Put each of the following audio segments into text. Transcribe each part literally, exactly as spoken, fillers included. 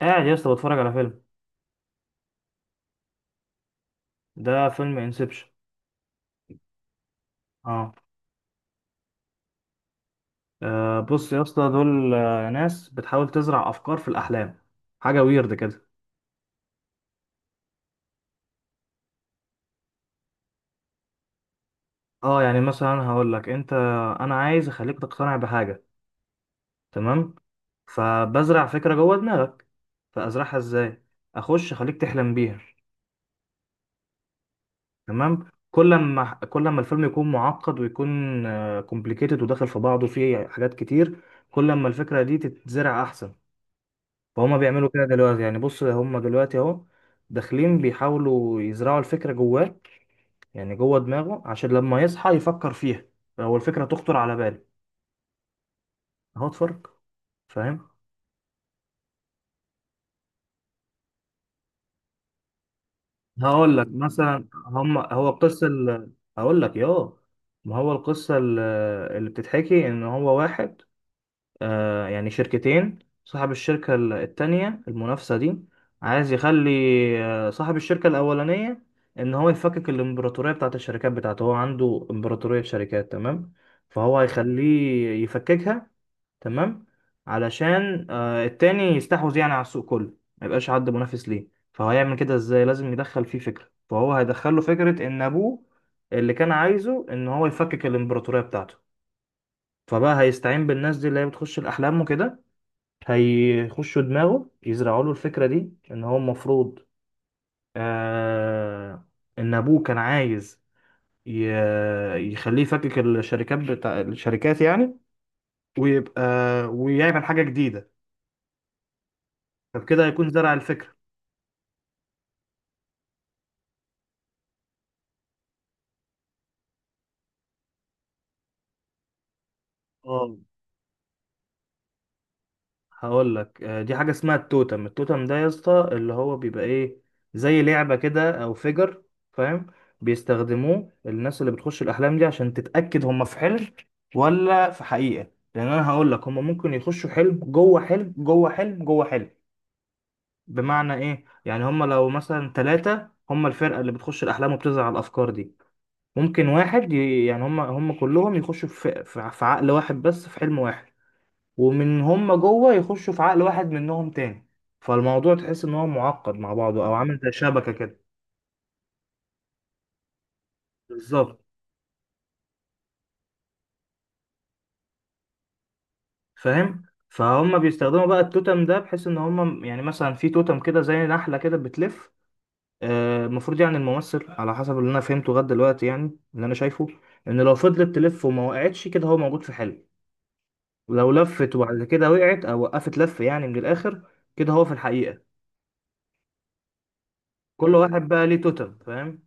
قاعد يا اسطى، بتفرج على فيلم. ده فيلم انسبشن. اه. آه، بص يا اسطى، دول آه، ناس بتحاول تزرع افكار في الاحلام حاجه ويرد كده. اه، يعني مثلا هقول لك انت، انا عايز اخليك تقتنع بحاجه. تمام. فبزرع فكره جوه دماغك. فازرعها ازاي؟ اخش اخليك تحلم بيها. تمام. كل ما كل ما الفيلم يكون معقد ويكون كومبليكيتد وداخل في بعضه فيه حاجات كتير، كل ما الفكره دي تتزرع احسن. فهم بيعملوا كده دلوقتي، يعني بص، هم دلوقتي اهو داخلين بيحاولوا يزرعوا الفكرة جواه، يعني جوه دماغه عشان لما يصحى يفكر فيها، هو الفكرة تخطر على باله. اهو اتفرج. فاهم؟ هقول لك مثلا، هم هو القصة ال... هقول لك ياه، ما هو القصة ال- اللي بتتحكي ان هو واحد. آه، يعني شركتين. صاحب الشركة ال- التانية المنافسة دي عايز يخلي آه، صاحب الشركة الأولانية، إن هو يفكك الإمبراطورية بتاعت الشركات بتاعته. هو عنده إمبراطورية شركات، تمام؟ فهو هيخليه يفككها. تمام. علشان آه، التاني يستحوذ يعني على السوق كله، ما يبقاش حد منافس ليه. فهو هيعمل كده إزاي؟ لازم يدخل فيه فكرة، فهو هيدخله فكرة إن أبوه اللي كان عايزه إن هو يفكك الإمبراطورية بتاعته. فبقى هيستعين بالناس دي اللي هي بتخش الأحلام وكده، هيخشوا دماغه يزرعوا له الفكرة دي ان هو المفروض آه ان ابوه كان عايز ي- يخليه يفكك الشركات بتاع الشركات يعني، ويبقى ويعمل حاجة جديدة. فبكده هيكون زرع الفكرة. اه. هقول لك، آه، دي حاجة اسمها التوتم. التوتم ده يا اسطى اللي هو بيبقى ايه، زي لعبة كده او فيجر، فاهم؟ بيستخدموه الناس اللي بتخش الاحلام دي عشان تتأكد هم في حلم ولا في حقيقة، لان انا هقول لك، هم ممكن يخشوا حلم جوه حلم جوه حلم جوه حلم. بمعنى ايه؟ يعني هم لو مثلا ثلاثة، هم الفرقة اللي بتخش الاحلام وبتزرع الافكار دي، ممكن واحد ي... يعني هم هم كلهم يخشوا في... في في عقل واحد بس في حلم واحد، ومن هم جوه يخشوا في عقل واحد منهم تاني. فالموضوع تحس ان هو معقد مع بعضه او عامل زي شبكه كده. بالظبط. فاهم؟ فهم بيستخدموا بقى التوتم ده بحيث ان هم يعني مثلا في توتم كده زي نحله كده بتلف. آه، المفروض يعني الممثل على حسب اللي انا فهمته لغايه دلوقتي، يعني اللي انا شايفه، ان لو فضلت تلف وما وقعتش كده، هو موجود في حلم. ولو لفت وبعد كده وقعت او وقفت لف يعني، من الاخر كده، هو في الحقيقه. كل واحد بقى ليه توتم. فاهم؟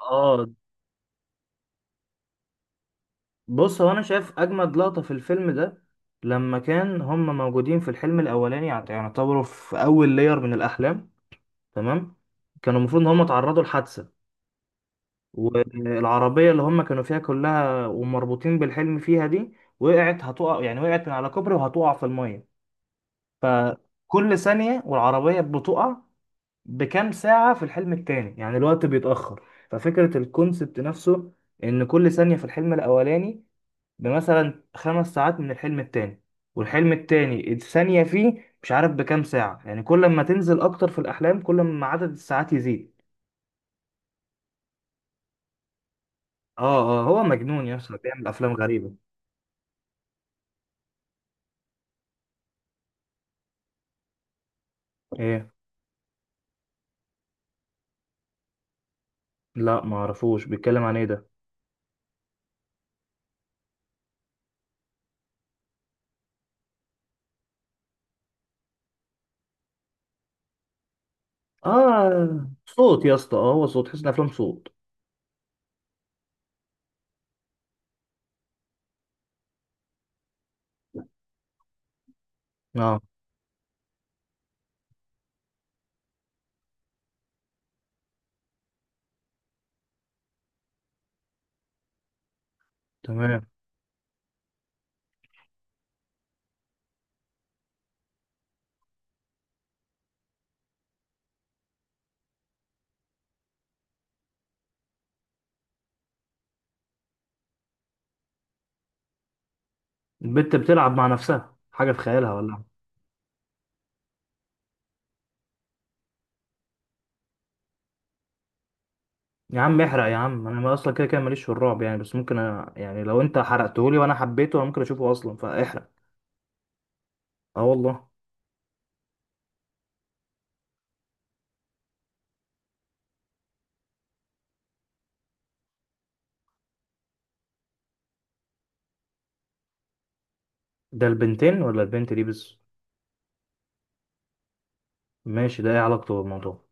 اه. بص، هو انا شايف اجمد لقطة في الفيلم ده، لما كان هم موجودين في الحلم الاولاني، يعني يعتبروا في اول لير من الاحلام. تمام. كانوا المفروض ان هم اتعرضوا لحادثة، والعربية اللي هم كانوا فيها كلها ومربوطين بالحلم فيها دي، وقعت، هتقع يعني، وقعت من على كوبري وهتقع في المية. فكل ثانية والعربية بتقع بكام ساعة في الحلم التاني، يعني الوقت بيتأخر. ففكرة الكونسبت نفسه، ان كل ثانية في الحلم الاولاني بمثلا خمس ساعات من الحلم التاني، والحلم التاني الثانية فيه مش عارف بكام ساعة. يعني كل ما تنزل أكتر في الأحلام، كل ما عدد الساعات يزيد. اه اه، هو مجنون يا اسطى، بيعمل أفلام غريبة. ايه؟ لا ما اعرفوش، بيتكلم عن ايه ده؟ اه صوت يا اسطى، اه هو صوت، تحس ان افلام صوت. اه، تمام. البت بتلعب مع نفسها حاجة في خيالها ولا إيه؟ يا عم احرق يا عم، انا ما اصلا كده كده ماليش في الرعب يعني، بس ممكن أ... يعني لو انت حرقتهولي وانا حبيته انا ممكن اشوفه، اصلا فاحرق. اه والله. ده البنتين ولا البنت دي بس؟ ماشي. ده ايه علاقته بالموضوع؟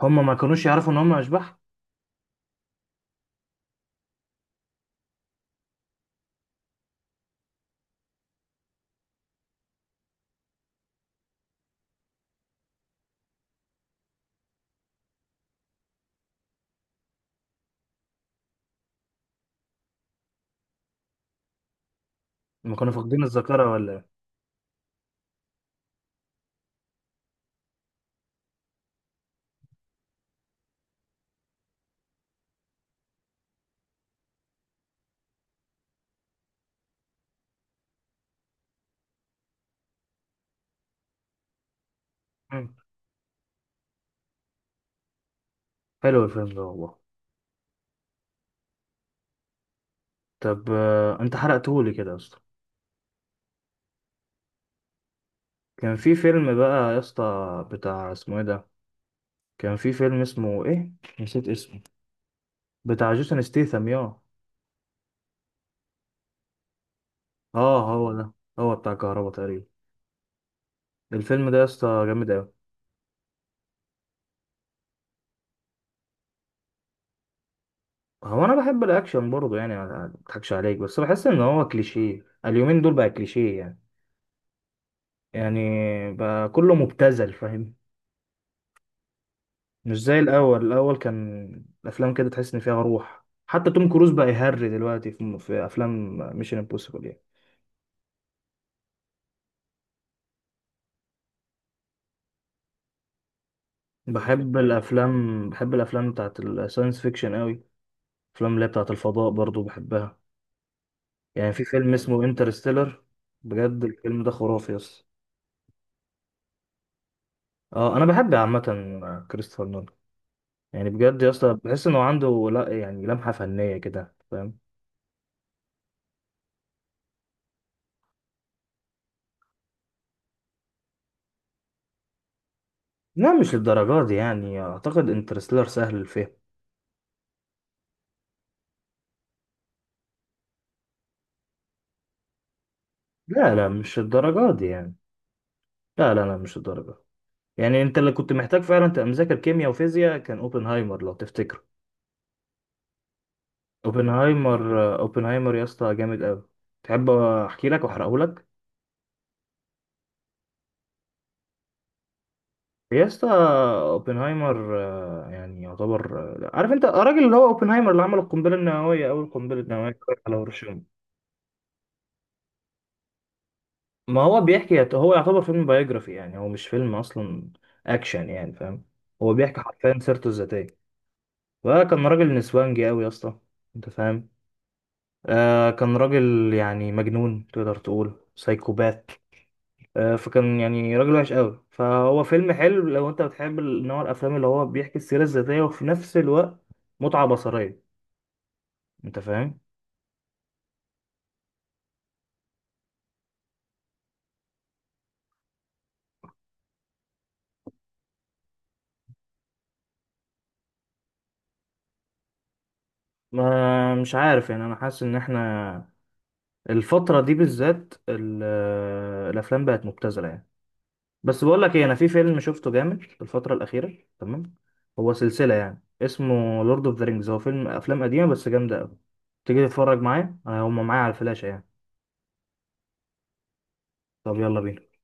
هما ما كانوش يعرفوا ان هما اشباح؟ ما كانوا فاقدين الذاكره ولا ايه؟ مم. حلو الفيلم ده والله. طب آه، انت حرقتهولي كده يا اسطى. كان في فيلم بقى يا اسطى بتاع اسمه ايه ده، كان في فيلم اسمه ايه، نسيت اسمه، بتاع جيسون ستيثم، ياه. اه هو ده. هو بتاع كهربا تقريبا. الفيلم ده يا اسطى جامد قوي. هو انا بحب الاكشن برضه يعني، ما اضحكش عليك، بس بحس ان هو كليشيه. اليومين دول بقى كليشيه يعني. يعني بقى كله مبتذل، فاهم؟ مش زي الأول، الأول كان الأفلام كده تحس إن فيها روح، حتى توم كروز بقى يهري دلوقتي في في أفلام ميشن امبوسيبل يعني. بحب ايوه الأفلام، بحب الأفلام بتاعت الساينس فيكشن قوي، الأفلام اللي هي بتاعت الفضاء برضو بحبها. يعني في فيلم مم. اسمه انترستيلر. بجد الفيلم ده خرافي يا اسطى. اه انا بحب عامة كريستوفر نولان. يعني بجد يا اسطى بحس انه عنده، لا يعني، لمحة فنية كده، فاهم؟ لا مش للدرجة دي يعني، اعتقد انترستيلر سهل الفهم. لا لا مش الدرجات دي يعني. لا لا لا مش الدرجة. يعني انت اللي كنت محتاج فعلا تبقى مذاكر كيمياء وفيزياء كان اوبنهايمر، لو تفتكره. اوبنهايمر اوبنهايمر يا اسطى جامد قوي. تحب احكي لك واحرقه لك؟ يا اسطى، اوبنهايمر آه، يعني يعتبر آه، عارف انت الراجل اللي هو اوبنهايمر، اللي عمل القنبله النوويه، اول قنبله نوويه على هيروشيما؟ ما هو بيحكي، هو يعتبر فيلم بايوجرافي يعني، هو مش فيلم اصلا اكشن يعني، فاهم؟ هو بيحكي حرفيا سيرته الذاتيه. وكان راجل نسوانجي قوي يا اسطى، انت فاهم؟ آه كان راجل يعني مجنون، تقدر تقول سايكوبات. آه فكان يعني راجل وحش قوي. فهو فيلم حلو لو انت بتحب ال- نوع الافلام اللي هو بيحكي السيره الذاتيه وفي نفس الوقت متعه بصريه، انت فاهم؟ ما مش عارف يعني، انا حاسس ان احنا الفتره دي بالذات ال- آه، الافلام بقت مبتذله يعني. بس بقول لك ايه، انا في فيلم شفته جامد في الفتره الاخيره تمام، هو سلسله يعني، اسمه لورد اوف ذا رينجز. هو فيلم، افلام قديمه بس جامده قوي. تيجي تتفرج معايا، انا هم معايا على الفلاشه يعني. طب يلا بينا.